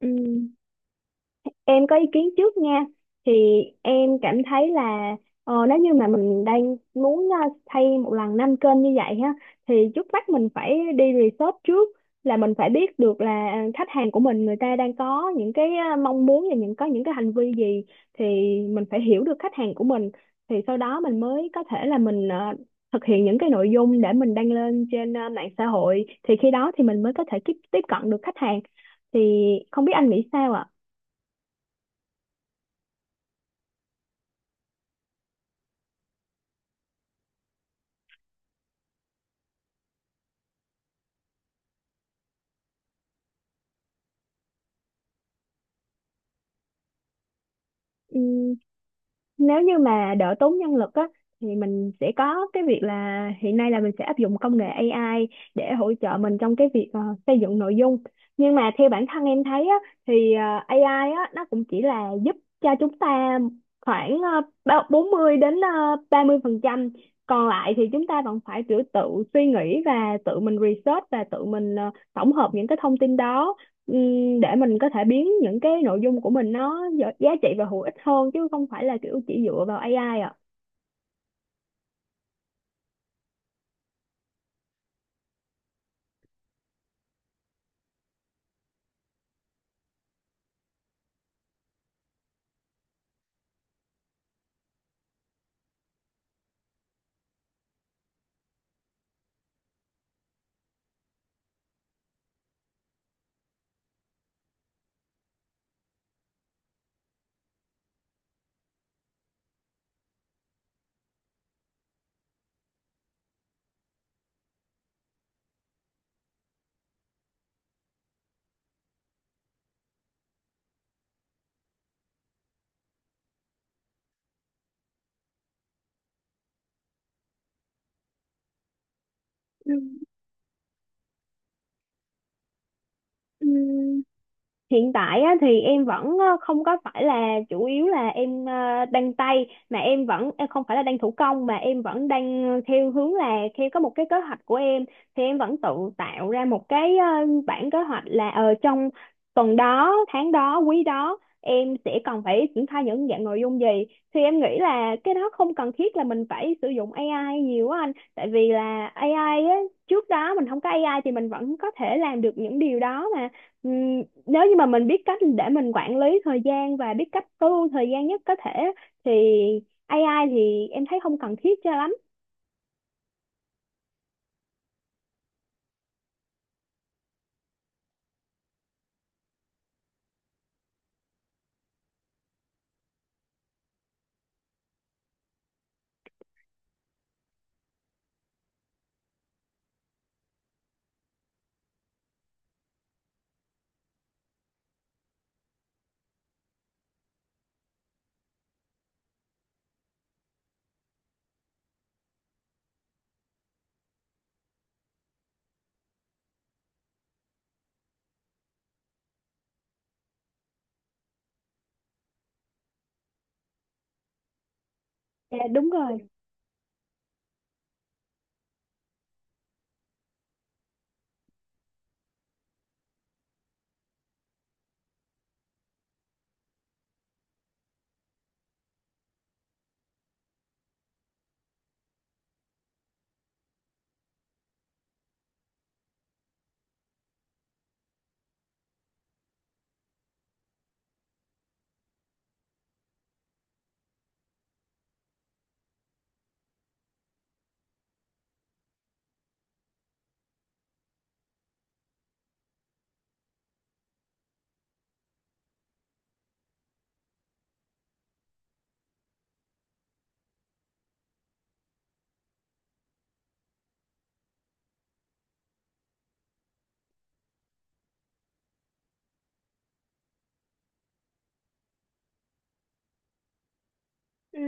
Ừ, em có ý kiến trước nha. Thì em cảm thấy là, nếu như mà mình đang muốn thay một lần năm kênh như vậy ha, thì trước mắt mình phải đi research trước, là mình phải biết được là khách hàng của mình người ta đang có những cái mong muốn, và có những cái hành vi gì. Thì mình phải hiểu được khách hàng của mình, thì sau đó mình mới có thể là mình thực hiện những cái nội dung để mình đăng lên trên mạng xã hội. Thì khi đó thì mình mới có thể tiếp tiếp cận được khách hàng. Thì không biết anh nghĩ sao ạ? Ừm, Nếu như mà đỡ tốn nhân lực á, thì mình sẽ có cái việc là hiện nay là mình sẽ áp dụng công nghệ AI để hỗ trợ mình trong cái việc xây dựng nội dung. Nhưng mà theo bản thân em thấy á, thì AI á, nó cũng chỉ là giúp cho chúng ta khoảng 40 đến 30%. Còn lại thì chúng ta vẫn phải tự tự suy nghĩ và tự mình research và tự mình tổng hợp những cái thông tin đó, để mình có thể biến những cái nội dung của mình nó giá giá trị và hữu ích hơn, chứ không phải là kiểu chỉ dựa vào AI ạ. Ừ. Ừ. Hiện tại á, thì em vẫn không có phải là chủ yếu là em đan tay, mà em vẫn em không phải là đan thủ công, mà em vẫn đang theo hướng là theo có một cái kế hoạch của em. Thì em vẫn tự tạo ra một cái bản kế hoạch là trong tuần đó, tháng đó, quý đó em sẽ cần phải triển khai những dạng nội dung gì. Thì em nghĩ là cái đó không cần thiết là mình phải sử dụng AI nhiều á anh, tại vì là AI á, trước đó mình không có AI thì mình vẫn có thể làm được những điều đó mà. Ừ, nếu như mà mình biết cách để mình quản lý thời gian và biết cách tối ưu thời gian nhất có thể, thì AI thì em thấy không cần thiết cho lắm. Dạ đúng rồi. Ừ,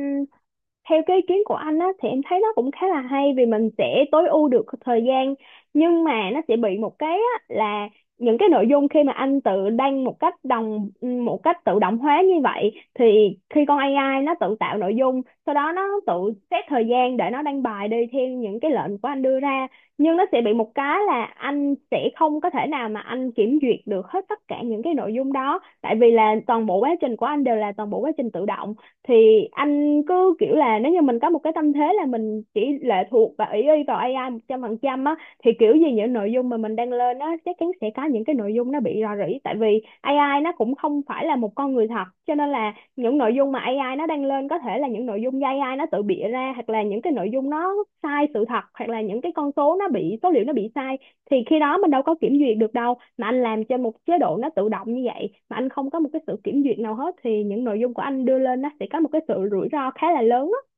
theo cái ý kiến của anh á thì em thấy nó cũng khá là hay, vì mình sẽ tối ưu được thời gian. Nhưng mà nó sẽ bị một cái á, là những cái nội dung khi mà anh tự đăng một cách tự động hóa như vậy, thì khi con AI nó tự tạo nội dung, sau đó nó tự xét thời gian để nó đăng bài đi theo những cái lệnh của anh đưa ra. Nhưng nó sẽ bị một cái là anh sẽ không có thể nào mà anh kiểm duyệt được hết tất cả những cái nội dung đó, tại vì là toàn bộ quá trình của anh đều là toàn bộ quá trình tự động. Thì anh cứ kiểu là nếu như mình có một cái tâm thế là mình chỉ lệ thuộc và ỷ y vào AI 100% á, thì kiểu gì những nội dung mà mình đăng lên á, chắc chắn sẽ có những cái nội dung nó bị rò rỉ. Tại vì AI nó cũng không phải là một con người thật, cho nên là những nội dung mà AI nó đăng lên có thể là những nội dung do AI nó tự bịa ra, hoặc là những cái nội dung nó sai sự thật, hoặc là những cái con số nó bị số liệu nó bị sai. Thì khi đó mình đâu có kiểm duyệt được đâu, mà anh làm trên một chế độ nó tự động như vậy mà anh không có một cái sự kiểm duyệt nào hết, thì những nội dung của anh đưa lên nó sẽ có một cái sự rủi ro khá là lớn á.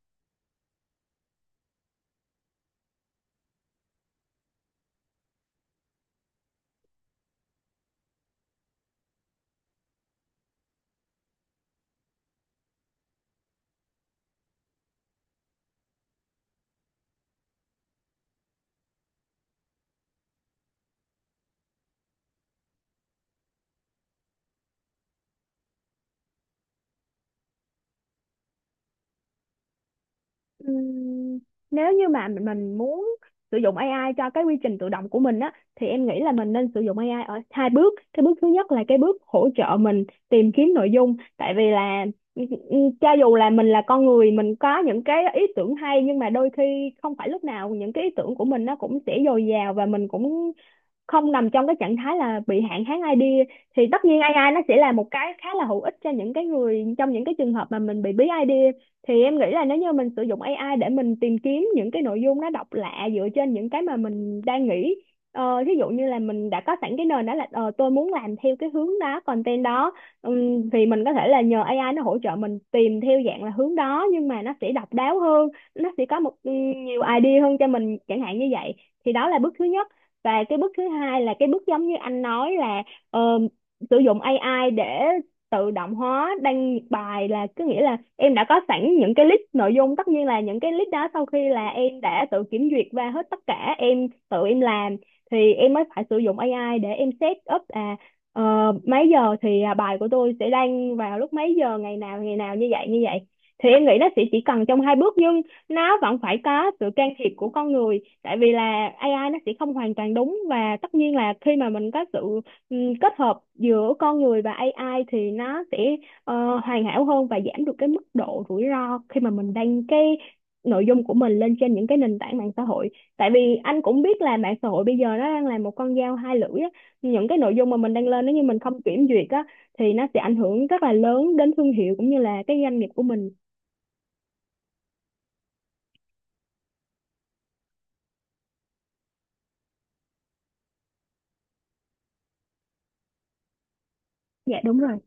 Ừm, Nếu như mà mình muốn sử dụng AI cho cái quy trình tự động của mình á, thì em nghĩ là mình nên sử dụng AI ở hai bước. Cái bước thứ nhất là cái bước hỗ trợ mình tìm kiếm nội dung. Tại vì là cho dù là mình là con người, mình có những cái ý tưởng hay, nhưng mà đôi khi không phải lúc nào những cái ý tưởng của mình nó cũng sẽ dồi dào, và mình cũng không nằm trong cái trạng thái là bị hạn hán idea. Thì tất nhiên AI nó sẽ là một cái khá là hữu ích cho những cái người trong những cái trường hợp mà mình bị bí idea. Thì em nghĩ là nếu như mình sử dụng AI để mình tìm kiếm những cái nội dung nó độc lạ dựa trên những cái mà mình đang nghĩ. Thí dụ như là mình đã có sẵn cái nền đó là, tôi muốn làm theo cái hướng đó, content đó. Thì mình có thể là nhờ AI nó hỗ trợ mình tìm theo dạng là hướng đó, nhưng mà nó sẽ độc đáo hơn, nó sẽ có một nhiều idea hơn cho mình chẳng hạn như vậy. Thì đó là bước thứ nhất. Và cái bước thứ hai là cái bước giống như anh nói là, ờ, sử dụng AI để tự động hóa đăng bài. Là có nghĩa là em đã có sẵn những cái list nội dung, tất nhiên là những cái list đó sau khi là em đã tự kiểm duyệt và hết tất cả em tự em làm, thì em mới phải sử dụng AI để em set up à, ờ, mấy giờ thì à, bài của tôi sẽ đăng vào lúc mấy giờ, ngày nào như vậy như vậy. Thì em nghĩ nó sẽ chỉ cần trong hai bước, nhưng nó vẫn phải có sự can thiệp của con người. Tại vì là AI nó sẽ không hoàn toàn đúng, và tất nhiên là khi mà mình có sự kết hợp giữa con người và AI thì nó sẽ hoàn hảo hơn và giảm được cái mức độ rủi ro khi mà mình đăng cái nội dung của mình lên trên những cái nền tảng mạng xã hội. Tại vì anh cũng biết là mạng xã hội bây giờ nó đang là một con dao hai lưỡi á. Những cái nội dung mà mình đăng lên nếu như mình không kiểm duyệt á, thì nó sẽ ảnh hưởng rất là lớn đến thương hiệu cũng như là cái doanh nghiệp của mình. Dạ đúng rồi.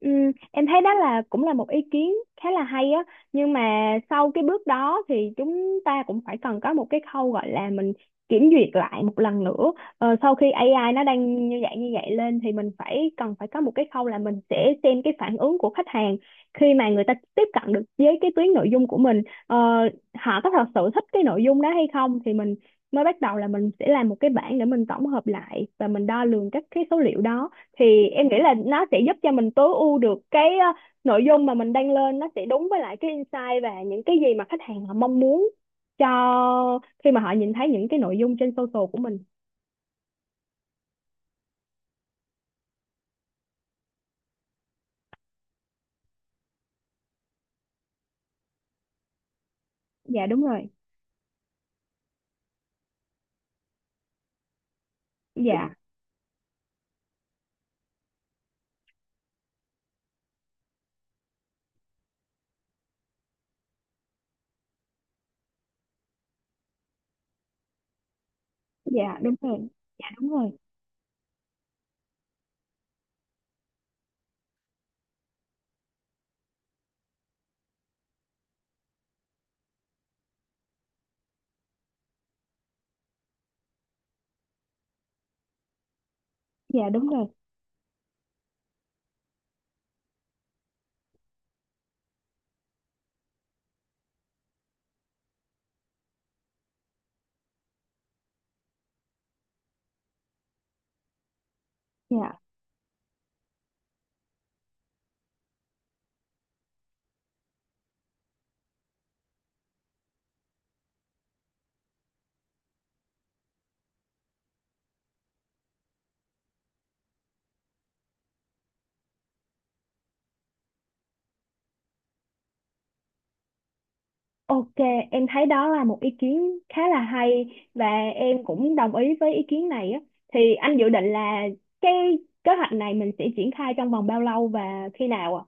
Ừ, em thấy đó là cũng là một ý kiến khá là hay á. Nhưng mà sau cái bước đó thì chúng ta cũng phải cần có một cái khâu gọi là mình kiểm duyệt lại một lần nữa. Sau khi AI nó đang như vậy lên thì mình phải cần phải có một cái khâu là mình sẽ xem cái phản ứng của khách hàng, khi mà người ta tiếp cận được với cái tuyến nội dung của mình. ờ, Họ có thật sự thích cái nội dung đó hay không, thì mình mới bắt đầu là mình sẽ làm một cái bảng để mình tổng hợp lại và mình đo lường các cái số liệu đó. Thì em nghĩ là nó sẽ giúp cho mình tối ưu được cái nội dung mà mình đăng lên, nó sẽ đúng với lại cái insight và những cái gì mà khách hàng họ mong muốn, cho khi mà họ nhìn thấy những cái nội dung trên social của mình. Dạ đúng rồi. Dạ, dạ đúng rồi. Dạ đúng rồi. Dạ đúng rồi. Dạ ok. Em thấy đó là một ý kiến khá là hay, và em cũng đồng ý với ý kiến này á. Thì anh dự định là cái kế hoạch này mình sẽ triển khai trong vòng bao lâu và khi nào ạ?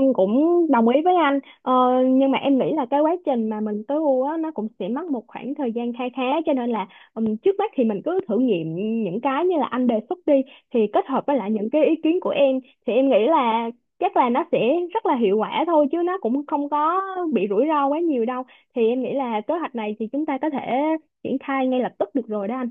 Em cũng đồng ý với anh, nhưng mà em nghĩ là cái quá trình mà mình tối ưu á, nó cũng sẽ mất một khoảng thời gian kha khá. Cho nên là, trước mắt thì mình cứ thử nghiệm những cái như là anh đề xuất đi, thì kết hợp với lại những cái ý kiến của em. Thì em nghĩ là chắc là nó sẽ rất là hiệu quả thôi, chứ nó cũng không có bị rủi ro quá nhiều đâu. Thì em nghĩ là kế hoạch này thì chúng ta có thể triển khai ngay lập tức được rồi đó anh.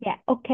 Dạ ok.